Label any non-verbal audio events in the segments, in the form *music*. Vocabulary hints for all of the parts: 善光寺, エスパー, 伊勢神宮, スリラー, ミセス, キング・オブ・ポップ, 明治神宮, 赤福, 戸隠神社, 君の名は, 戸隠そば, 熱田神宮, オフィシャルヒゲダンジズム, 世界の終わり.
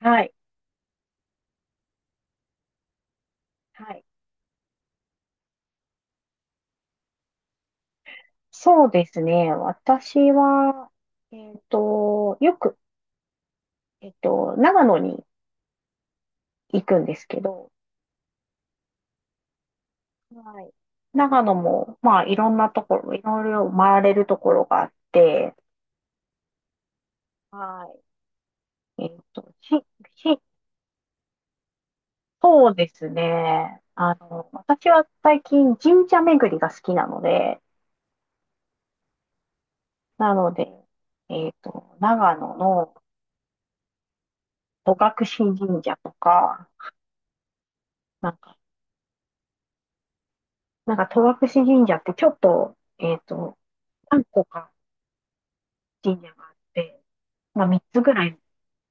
はい。はい。そうですね。私は、よく、長野に行くんですけど、はい。長野も、まあ、いろんなところ、いろいろ回れるところがあって、はい。えっと、し、し、そうですね。私は最近神社巡りが好きなので、なので、長野の戸隠神社とか、なんかなんか戸隠神社ってちょっと、何個か神社があって、まあ3つぐらい、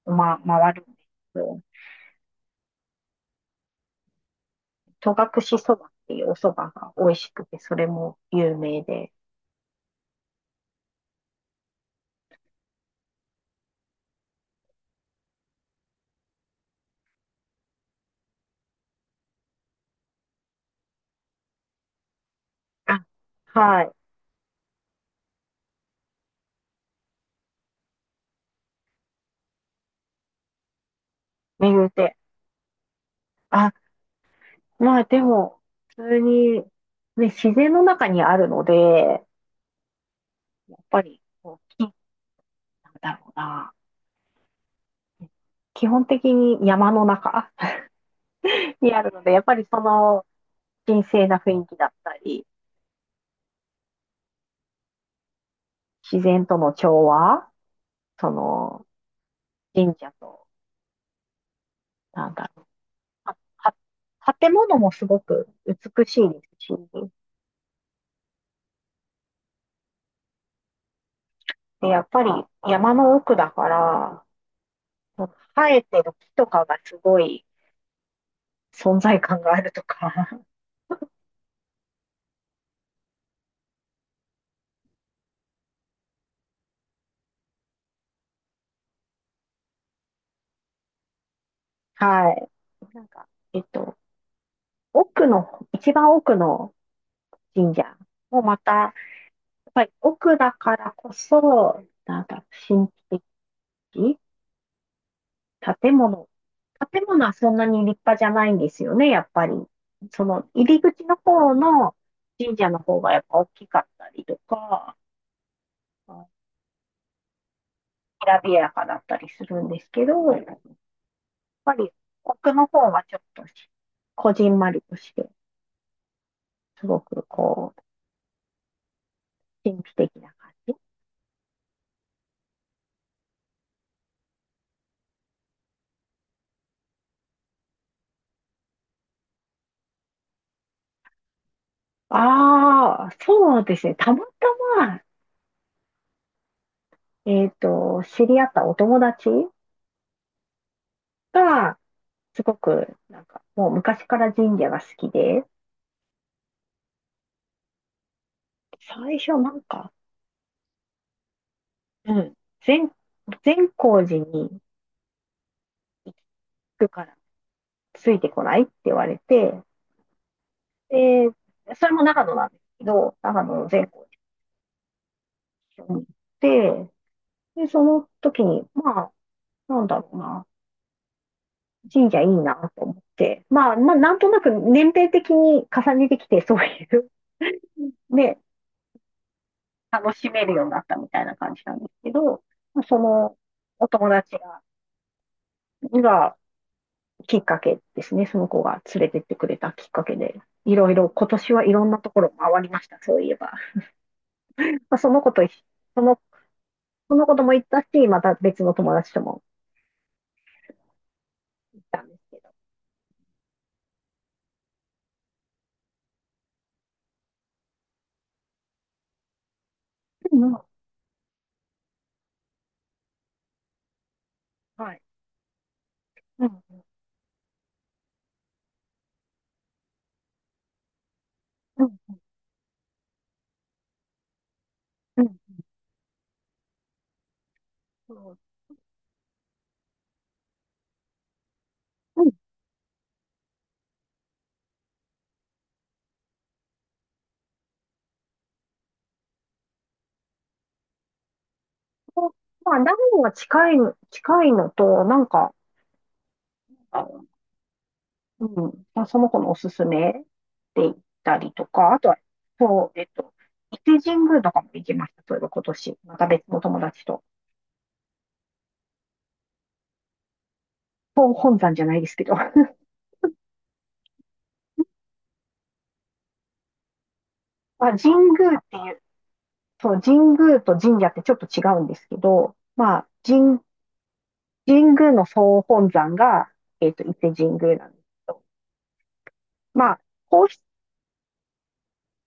ま、回るんですけど、戸隠そばっていうお蕎麦が美味しくて、それも有名で。あ、はい。巡って。あ、まあでも、普通に、ね、自然の中にあるので、やっぱり、こう、木なんだろうな。基本的に山の中 *laughs* にあるので、やっぱりその神聖な雰囲気だったり、自然との調和、その、神社と、なんだろう。は建物もすごく美しいですし、で、やっぱり山の奥だから、その生えてる木とかがすごい存在感があるとか、*laughs* はい。なんか、奥の、一番奥の神社もまた、やっぱり奥だからこそ、なんか神秘的、建物建物はそんなに立派じゃないんですよね、やっぱり。その入り口の方の神社の方がやっぱ大きかったりとか、うんきらびやかだったりするんですけど、やっぱり奥の方はちょっとこじんまりとして、すごくこう、神秘的な感じ。ああ、そうですね。たまたま、知り合ったお友達が、すごく、なんか、もう昔から神社が好きで、最初なんか、うん。善、善光寺に行くからついてこないって言われて、で、それも長野なんですけど、長野の善光寺に行って、で、その時に、まあ、なんだろうな、神社いいなと思って、まあ、なんとなく年齢的に重ねてきて、そういう、ね、楽しめるようになったみたいな感じなんですけど、そのお友達がきっかけですね。その子が連れてってくれたきっかけで、いろいろ今年はいろんなところ回りました、そういえば。まあ、その子とその、その子とも行ったし、また別の友達とも行ったんですけど。うん、はい。うん、うん、うん。そううん、まあ、ラーメンが近いのと、なんか、あのうん、まあ、その子のおすすめで行ったりとか、あとは、そう、伊勢神宮とかも行きました。そういえば今年、また別の友達と。本山じゃないですけど。*laughs* まあ、神宮っていう、そう、神宮と神社ってちょっと違うんですけど、まあ、神宮の総本山が、伊勢神宮なんですけど、まあ、皇室、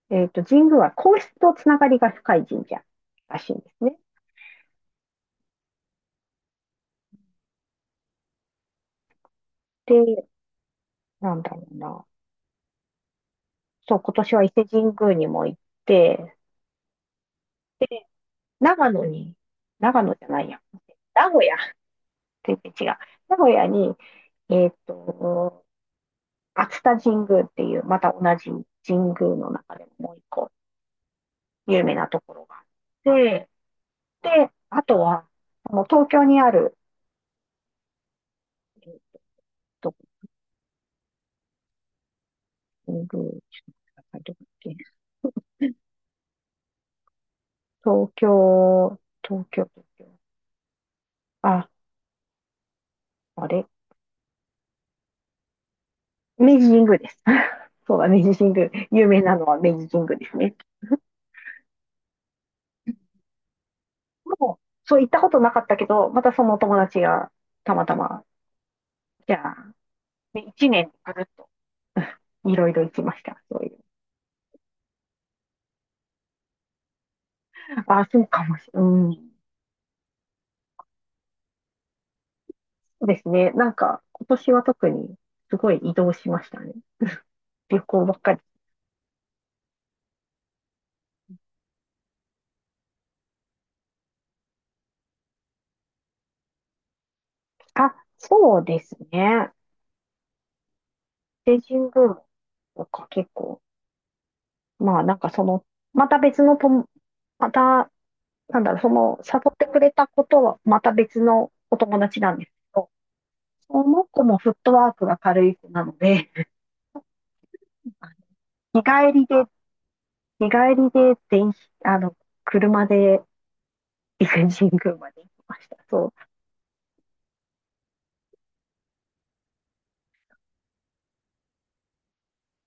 神宮は皇室とつながりが深い神社らしいんですね。で、なんだろうな。そう、今年は伊勢神宮にも行って、長野に、長野じゃないや、名古屋、全然違う。名古屋に、えっと、熱田神宮っていう、また同じ神宮の中でももう一個有名なところがあって、で、あとは、あの東京にある、えっと、神宮社会どこだっけ？東京、東京、東京。あ、あれ明治神宮です。*laughs* そうだ、明治神宮。有名なのは明治神宮ですね。もう、そう行ったことなかったけど、またその友達がたまたま、じゃあ、1年ぐるっといろいろ行きました。そういう。ああ、そうかもしれない。うん。そうですね。なんか、今年は特にすごい移動しましたね。旅行ばっかり。あ、そうですね。で、神宮とか結構、まあなんかその、また別のとも、また、なんだろう、その、誘ってくれたことはまた別のお友達なんですけど、その子もフットワークが軽い子なので、*laughs* 日帰りで、日帰りで電車、あの、車で伊勢神宮まで行きました。そ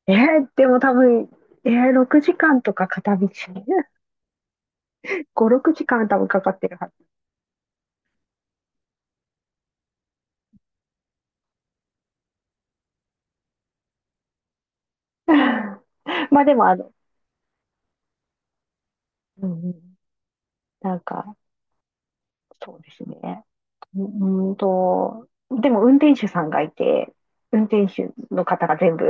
う。でも多分、6時間とか片道ね、*laughs* 5、6時間多分かかってるはず。*laughs* まあでもうんうんなんか、そうですね。うんうんと、でも運転手さんがいて、運転手の方が全部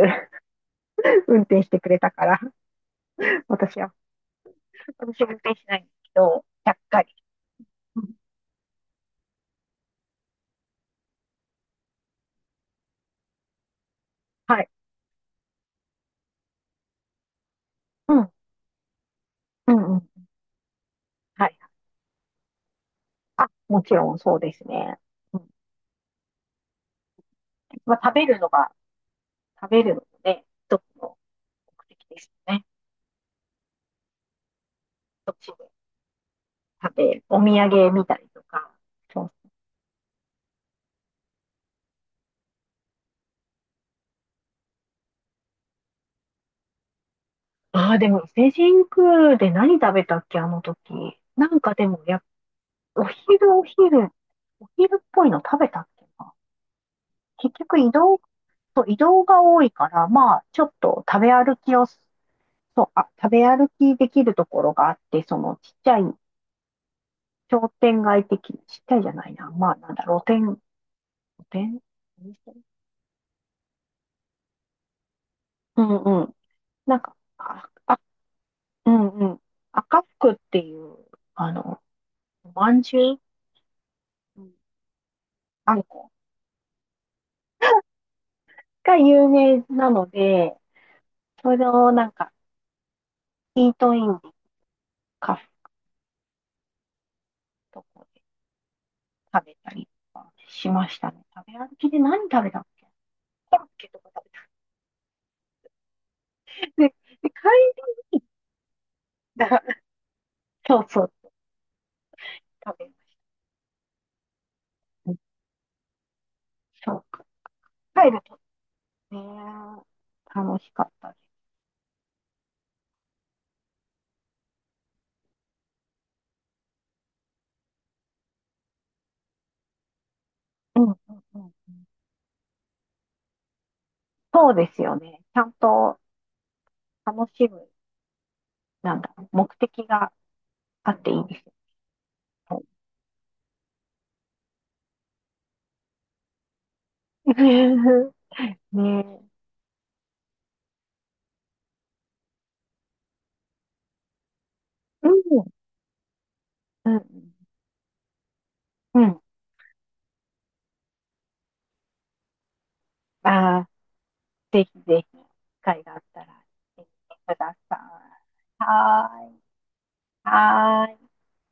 *laughs* 運転してくれたから、私は、私は運転しないんですけど、ちゃっかり。うんはい。うん、うん、うん。はい。あ、もちろんそうですね。うん。まあ、食べるのもね、一つの目的ですよね。どっちで食べる、お土産見たりとか。そう。ああ、でも伊勢神宮で何食べたっけ、あの時。なんかでも、やお昼、お昼、お昼っぽいの食べたっけな。結局移動、そう移動が多いから、まあ、ちょっと食べ歩きを、そう、あ、食べ歩きできるところがあって、そのちっちゃい商店街的、ちっちゃいじゃないな。まあ、なんだ、露店お店うんうん。なんか、あ、うんうん。赤福っていう、あの、おまんじゅう、うんあんこが有名なので、それをなんか、イートインでカフとこで食べたりとかしましたね。食べ歩きで何食べたっけ？コロッケとか食べた。で、帰りに、だ、そうそう、食べましたね。そう。帰るとね、楽しかったです。うんうんうん。そうですよね。ちゃんと楽しむ、なんだ、目的があっていいですよね。*laughs* ねえ。うん、うん、うん。ああ、ぜひぜひ、機会があったら、行ってください。はーい。はーい。